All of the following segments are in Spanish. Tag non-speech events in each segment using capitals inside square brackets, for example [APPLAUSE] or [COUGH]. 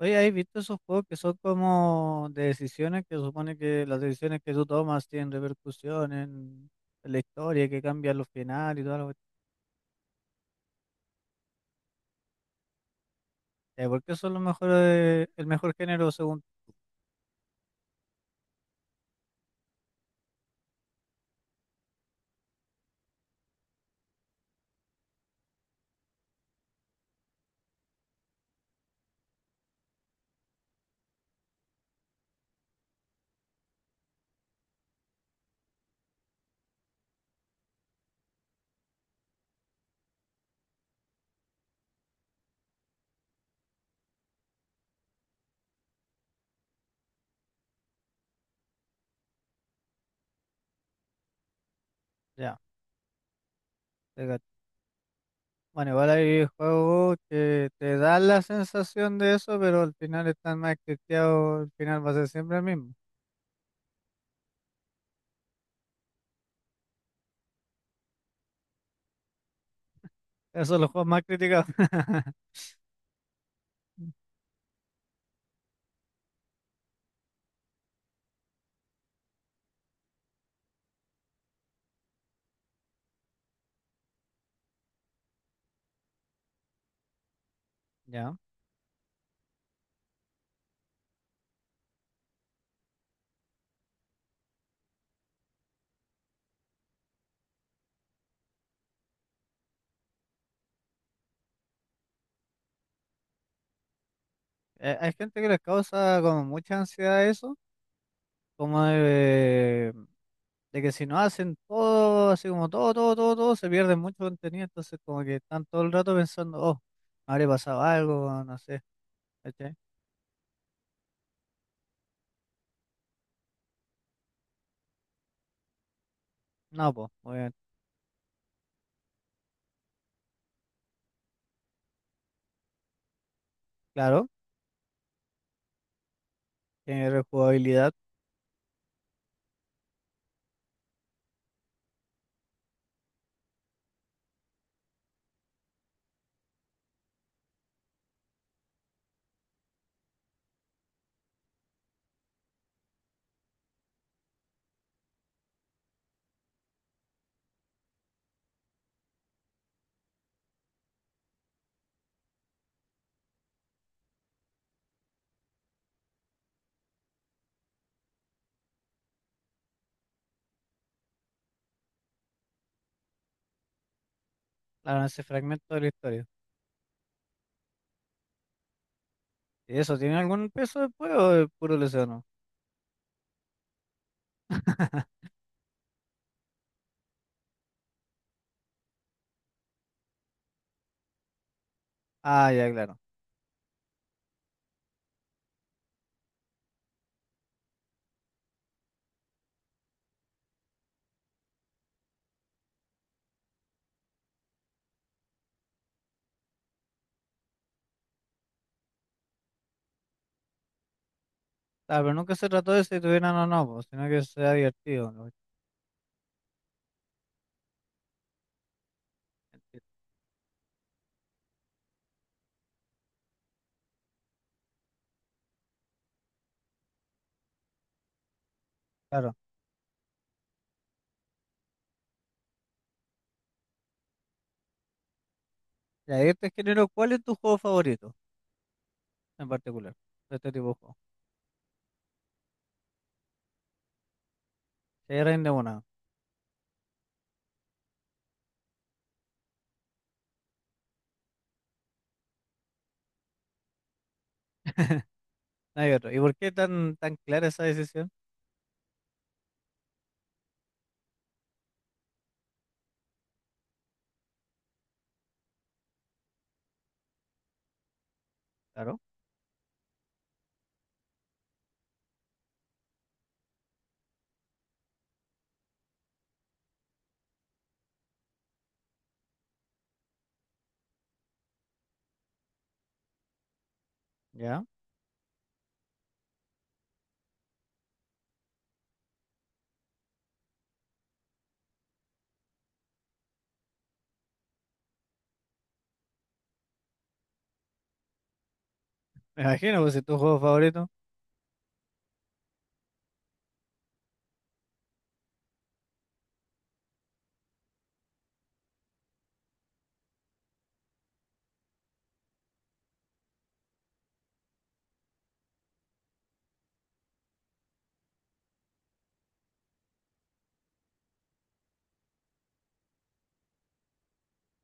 Oye, ¿has visto esos juegos que son como de decisiones que supone que las decisiones que tú tomas tienen repercusión en la historia, que cambian los finales y todo lo que... Ya, ¿por qué son los mejores, el mejor género según... Ya, te cacho. Bueno, igual hay juegos que te dan la sensación de eso, pero al final están más criticados, el final va a ser siempre el mismo. Esos son los juegos más criticados. [LAUGHS] Ya. Hay gente que les causa como mucha ansiedad eso, como de que si no hacen todo, así como todo, todo, todo, todo, se pierde mucho contenido, entonces como que están todo el rato pensando, oh, me habría pasado algo, no sé, ¿cachai? No, pues, obviamente, claro, tiene rejugabilidad, claro, ese fragmento de la historia. ¿Y eso tiene algún peso después o es puro leseno? [LAUGHS] Ah, ya, claro. Claro, pero nunca se trató de si tuvieran o no, pues, sino que sea divertido, ¿no? Claro. Y ahí te género, ¿cuál es tu juego favorito en particular de este tipo de juego? Si hay de una, no hay otro. ¿Y por qué tan, tan clara esa decisión? Claro, ya. Me imagino, pues si tu juego favorito.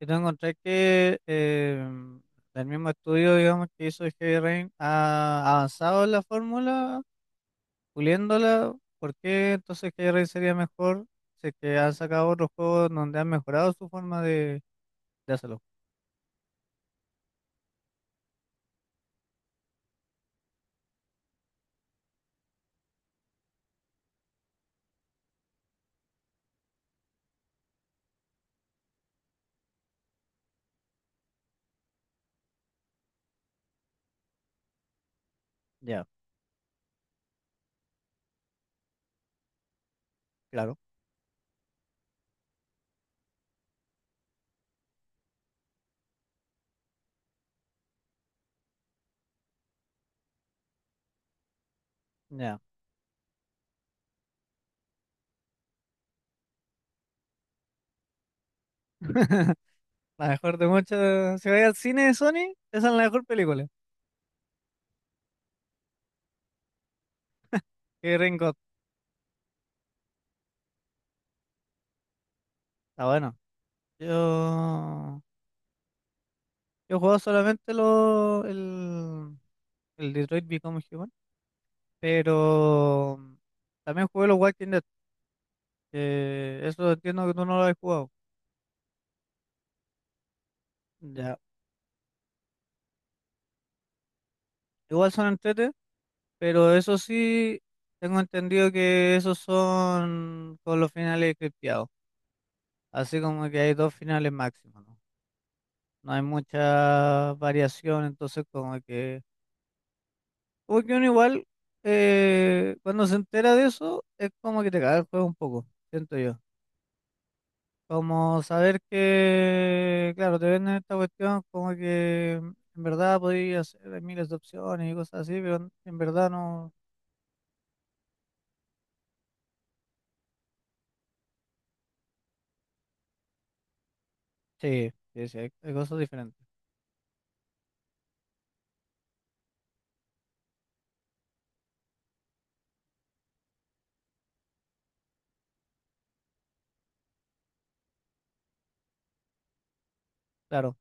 Y tú encontrás que el mismo estudio, digamos, que hizo Heavy Rain ha avanzado en la fórmula, puliéndola. ¿Por qué entonces Heavy Rain sería mejor si es que han sacado otros juegos donde han mejorado su forma de hacerlo? Ya, claro, ya. [LAUGHS] La mejor de muchas. Si vais al cine de Sony, esa es la mejor película. Que Rain God. Está bueno. Yo. Yo he jugado solamente el Detroit Become Human. Pero también jugué los Walking Dead, que eso entiendo que tú no lo has jugado. Ya. Igual son entrete, pero eso sí, tengo entendido que esos son con los finales cripteados. Así como que hay dos finales máximos, ¿no? No hay mucha variación, entonces como que... Como que uno igual, cuando se entera de eso, es como que te caga el juego un poco, siento yo. Como saber que, claro, te venden esta cuestión como que en verdad podías hacer miles de opciones y cosas así, pero en verdad no. Sí, sí, sí, hay cosas diferentes. Claro.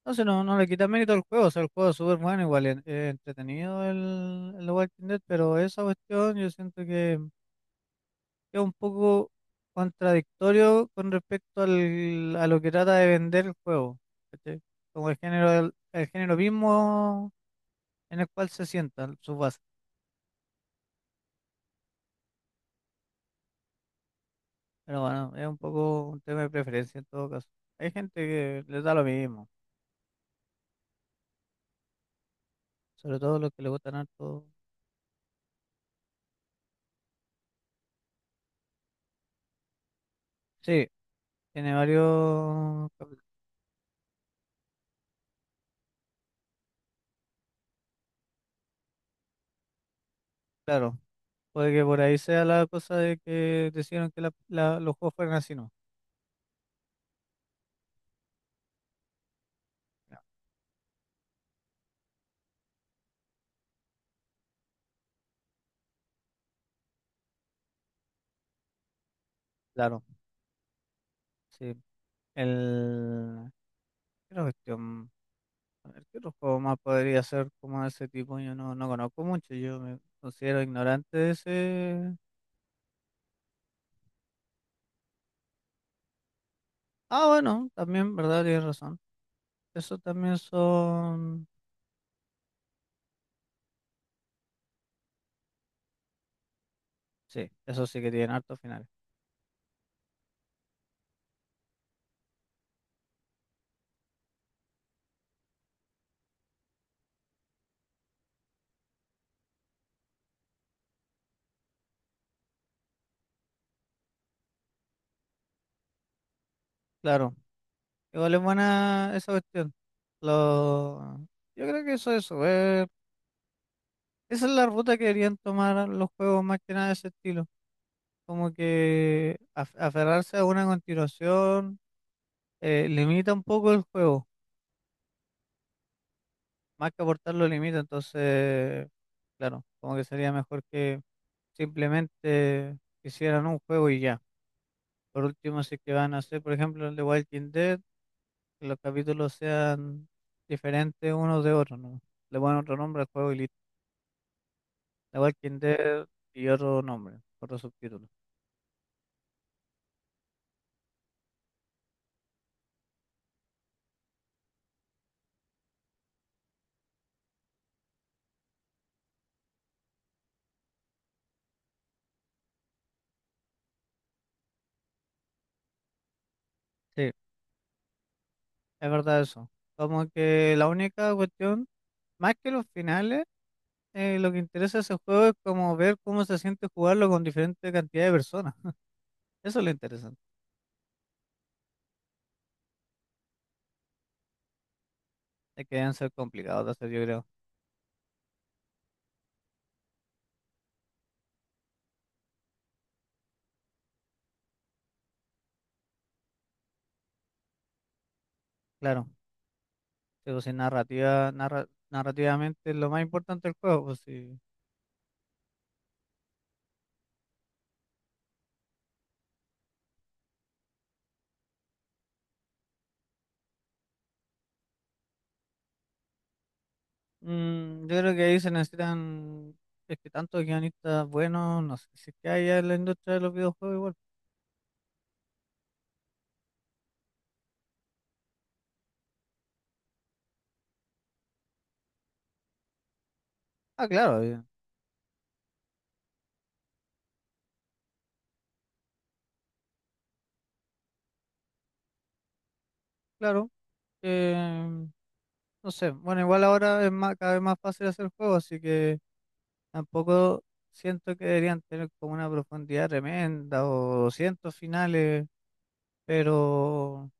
Entonces no le quita mérito al juego, o sea, el juego es súper bueno, igual es entretenido el The Walking Dead, pero esa cuestión yo siento que es un poco contradictorio con respecto a lo que trata de vender el juego, ¿cachai? Como el género, el género mismo en el cual se sientan sus bases. Pero bueno, es un poco un tema de preferencia en todo caso. Hay gente que les da lo mismo, sobre todo los que le gustan harto. Sí, tiene varios. Claro, puede que por ahí sea la cosa de que decidieron que los juegos fueran así, ¿no? Ya, claro, sí. El... ¿Qué otra cuestión? A ver, ¿qué otro juego más podría ser como de ese tipo? Yo no conozco mucho, yo me considero ignorante de ese... Ah, bueno, también, ¿verdad? Tienes razón. Eso también son... Sí, eso sí que tienen hartos finales. Claro, igual es buena esa cuestión. Lo... Yo creo que eso. Esa es la ruta que deberían tomar los juegos más que nada de ese estilo. Como que aferrarse a una continuación limita un poco el juego, más que aportarlo limita. Entonces, claro, como que sería mejor que simplemente hicieran un juego y ya. Por último, si es que van a hacer, por ejemplo, el de Walking Dead, que los capítulos sean diferentes unos de otros, ¿no? Le ponen otro nombre al juego y listo. The Walking Dead y otro nombre, otro subtítulo. Sí, es verdad eso. Como que la única cuestión, más que los finales, lo que interesa a ese juego es como ver cómo se siente jugarlo con diferente cantidad de personas. [LAUGHS] Eso es lo interesante. Es que deben ser complicados de hacer, yo creo. Claro, pero si narrativa, narrativamente es lo más importante del juego, pues sí. Yo creo que ahí se necesitan, es que tantos guionistas buenos, no sé si es que hay en la industria de los videojuegos igual. Ah, claro, claro. eh, no sé, bueno, igual ahora es más, cada vez más fácil hacer juegos, así que tampoco siento que deberían tener como una profundidad tremenda o cientos finales, pero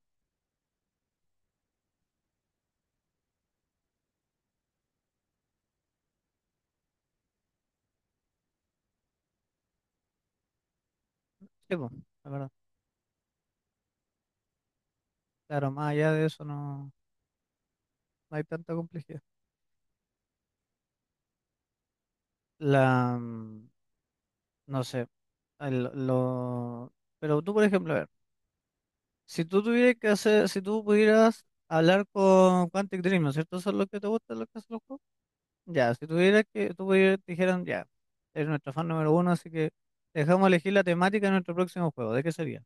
sí, po, la verdad. Claro, más allá de eso no hay tanta complejidad. La, mm, no sé, el- lo, pero tú, por ejemplo, a ver. Si tú tuvieras que hacer, si tú pudieras hablar con Quantic Dream, ¿no es cierto? ¿Eso es lo que te gusta, lo que hacen los juegos? Ya, si tuvieras que, tú pudieras, te dijeran, ya, eres nuestro fan número uno, así que te dejamos elegir la temática de nuestro próximo juego, ¿de qué sería?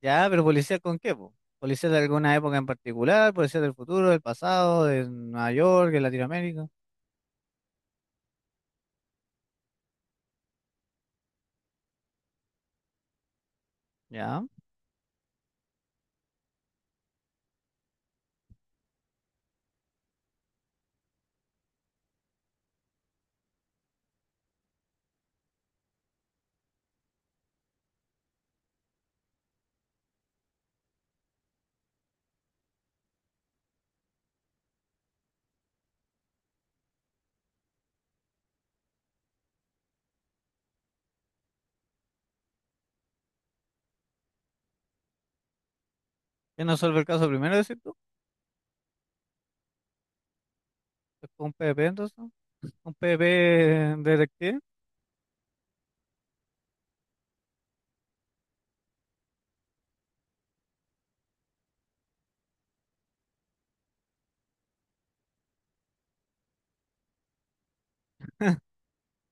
Ya, ¿pero policía con qué, po? ¿Policía de alguna época en particular? ¿Policía del futuro, del pasado, de Nueva York, de Latinoamérica? Ya. ¿Quién resuelve el caso primero, decir tú? ¿Es un PvP entonces? ¿No? ¿Un PvP detective?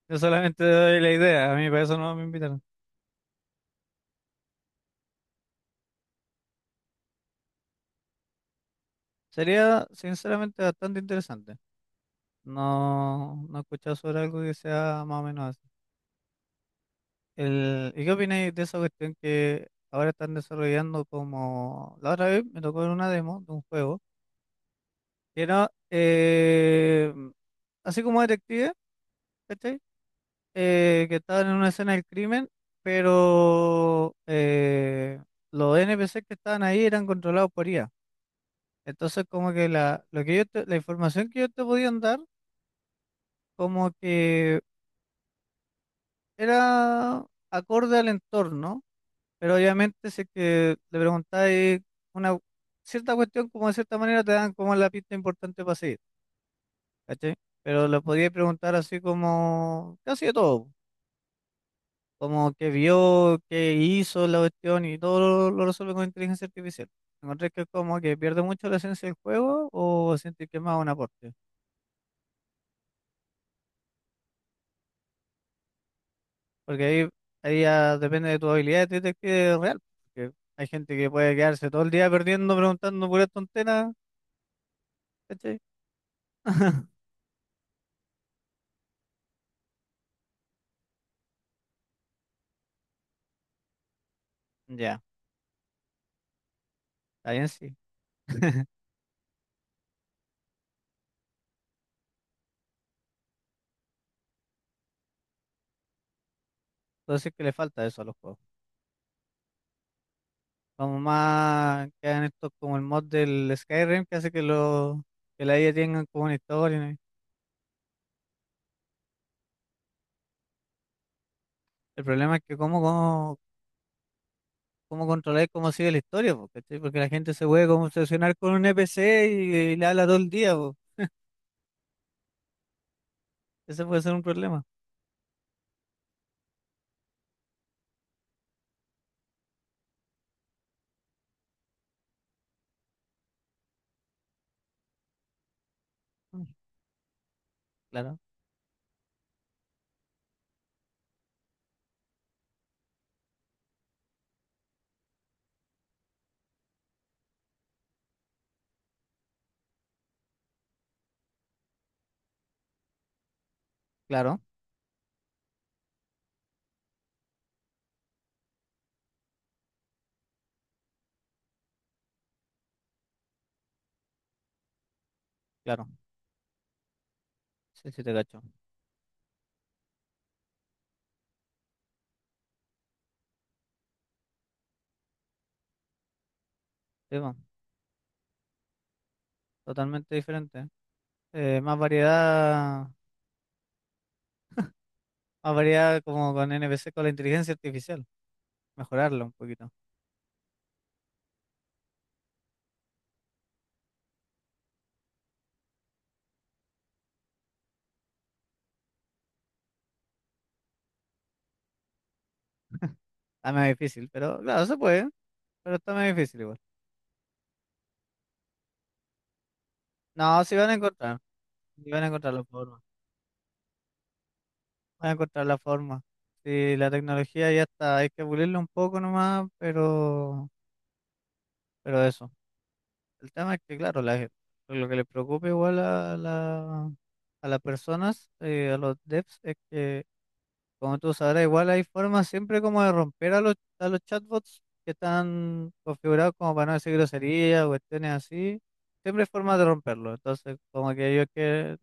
Yo solamente doy la idea, a mí para eso no me invitaron. Sería sinceramente bastante interesante. No, no he escuchado sobre algo que sea más o menos así. ¿Y qué opináis de esa cuestión que ahora están desarrollando como... La otra vez me tocó en una demo de un juego que era así como detective, ¿cachai? Que estaban en una escena del crimen, pero los NPC que estaban ahí eran controlados por IA. Entonces, como que lo que la información que ellos te podían dar, como que era acorde al entorno, pero obviamente si es que le preguntáis una cierta cuestión, como de cierta manera te dan como la pista importante para seguir, ¿cachai? Pero le podíais preguntar así como casi de todo, como qué vio, qué hizo la cuestión y todo lo resuelve con inteligencia artificial. ¿Encontré que como que pierde mucho la esencia del juego o sentís que es más un aporte? Porque ahí ya depende de tu habilidad de detective real. Porque hay gente que puede quedarse todo el día perdiendo, preguntando puras tonteras, ¿cachai? [LAUGHS] Ya, está bien sí. [LAUGHS] Entonces que le falta eso a los juegos. Como más que hagan esto como el mod del Skyrim que hace que lo que la IA tengan como una historia, ¿no? El problema es que cómo controlar cómo sigue la historia, po, ¿cachai? Porque la gente se puede como obsesionar con un NPC y, le habla todo el día, po. Ese puede ser un problema. Mm, Claro, claro, claro. Sí, sí, te cacho. Sí, po, totalmente diferente. Más variedad, más variedad como con NPC, con la inteligencia artificial. Mejorarlo un poquito. Está más difícil, pero claro, se puede, pero está más difícil igual. No, si van a encontrar, si van a encontrar la forma, van a encontrar la forma. Si la tecnología ya está, hay que pulirla un poco nomás, pero eso. El tema es que, claro, lo que les preocupa igual a las personas, a los devs, es que como tú sabrás, igual hay formas siempre como de romper a los chatbots que están configurados como para no decir groserías o cuestiones así. Siempre hay formas de romperlo. Entonces, como que ellos que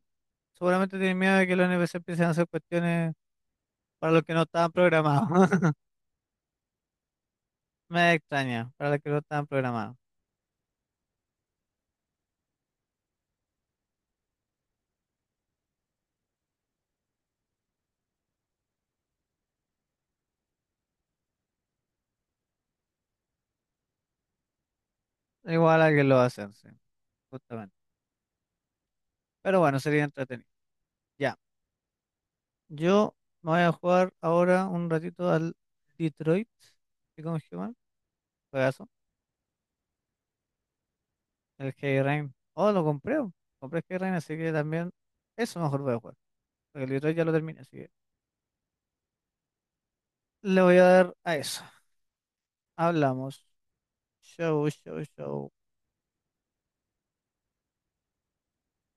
seguramente tienen miedo de que los NPC empiecen a hacer cuestiones para los que no estaban programados. [LAUGHS] Me extraña, para los que no estaban programados. Igual a que lo hacen, sí, justamente. Pero bueno, sería entretenido. Ya, yo me voy a jugar ahora un ratito al Detroit. ¿Y cómo se llama? Juegazo. El Heavy Rain. Oh, lo compré. Oh. Compré el Heavy Rain, así que también eso mejor voy a jugar. Porque el Detroit ya lo terminé, así que le voy a dar a eso. Hablamos. Show, show, show.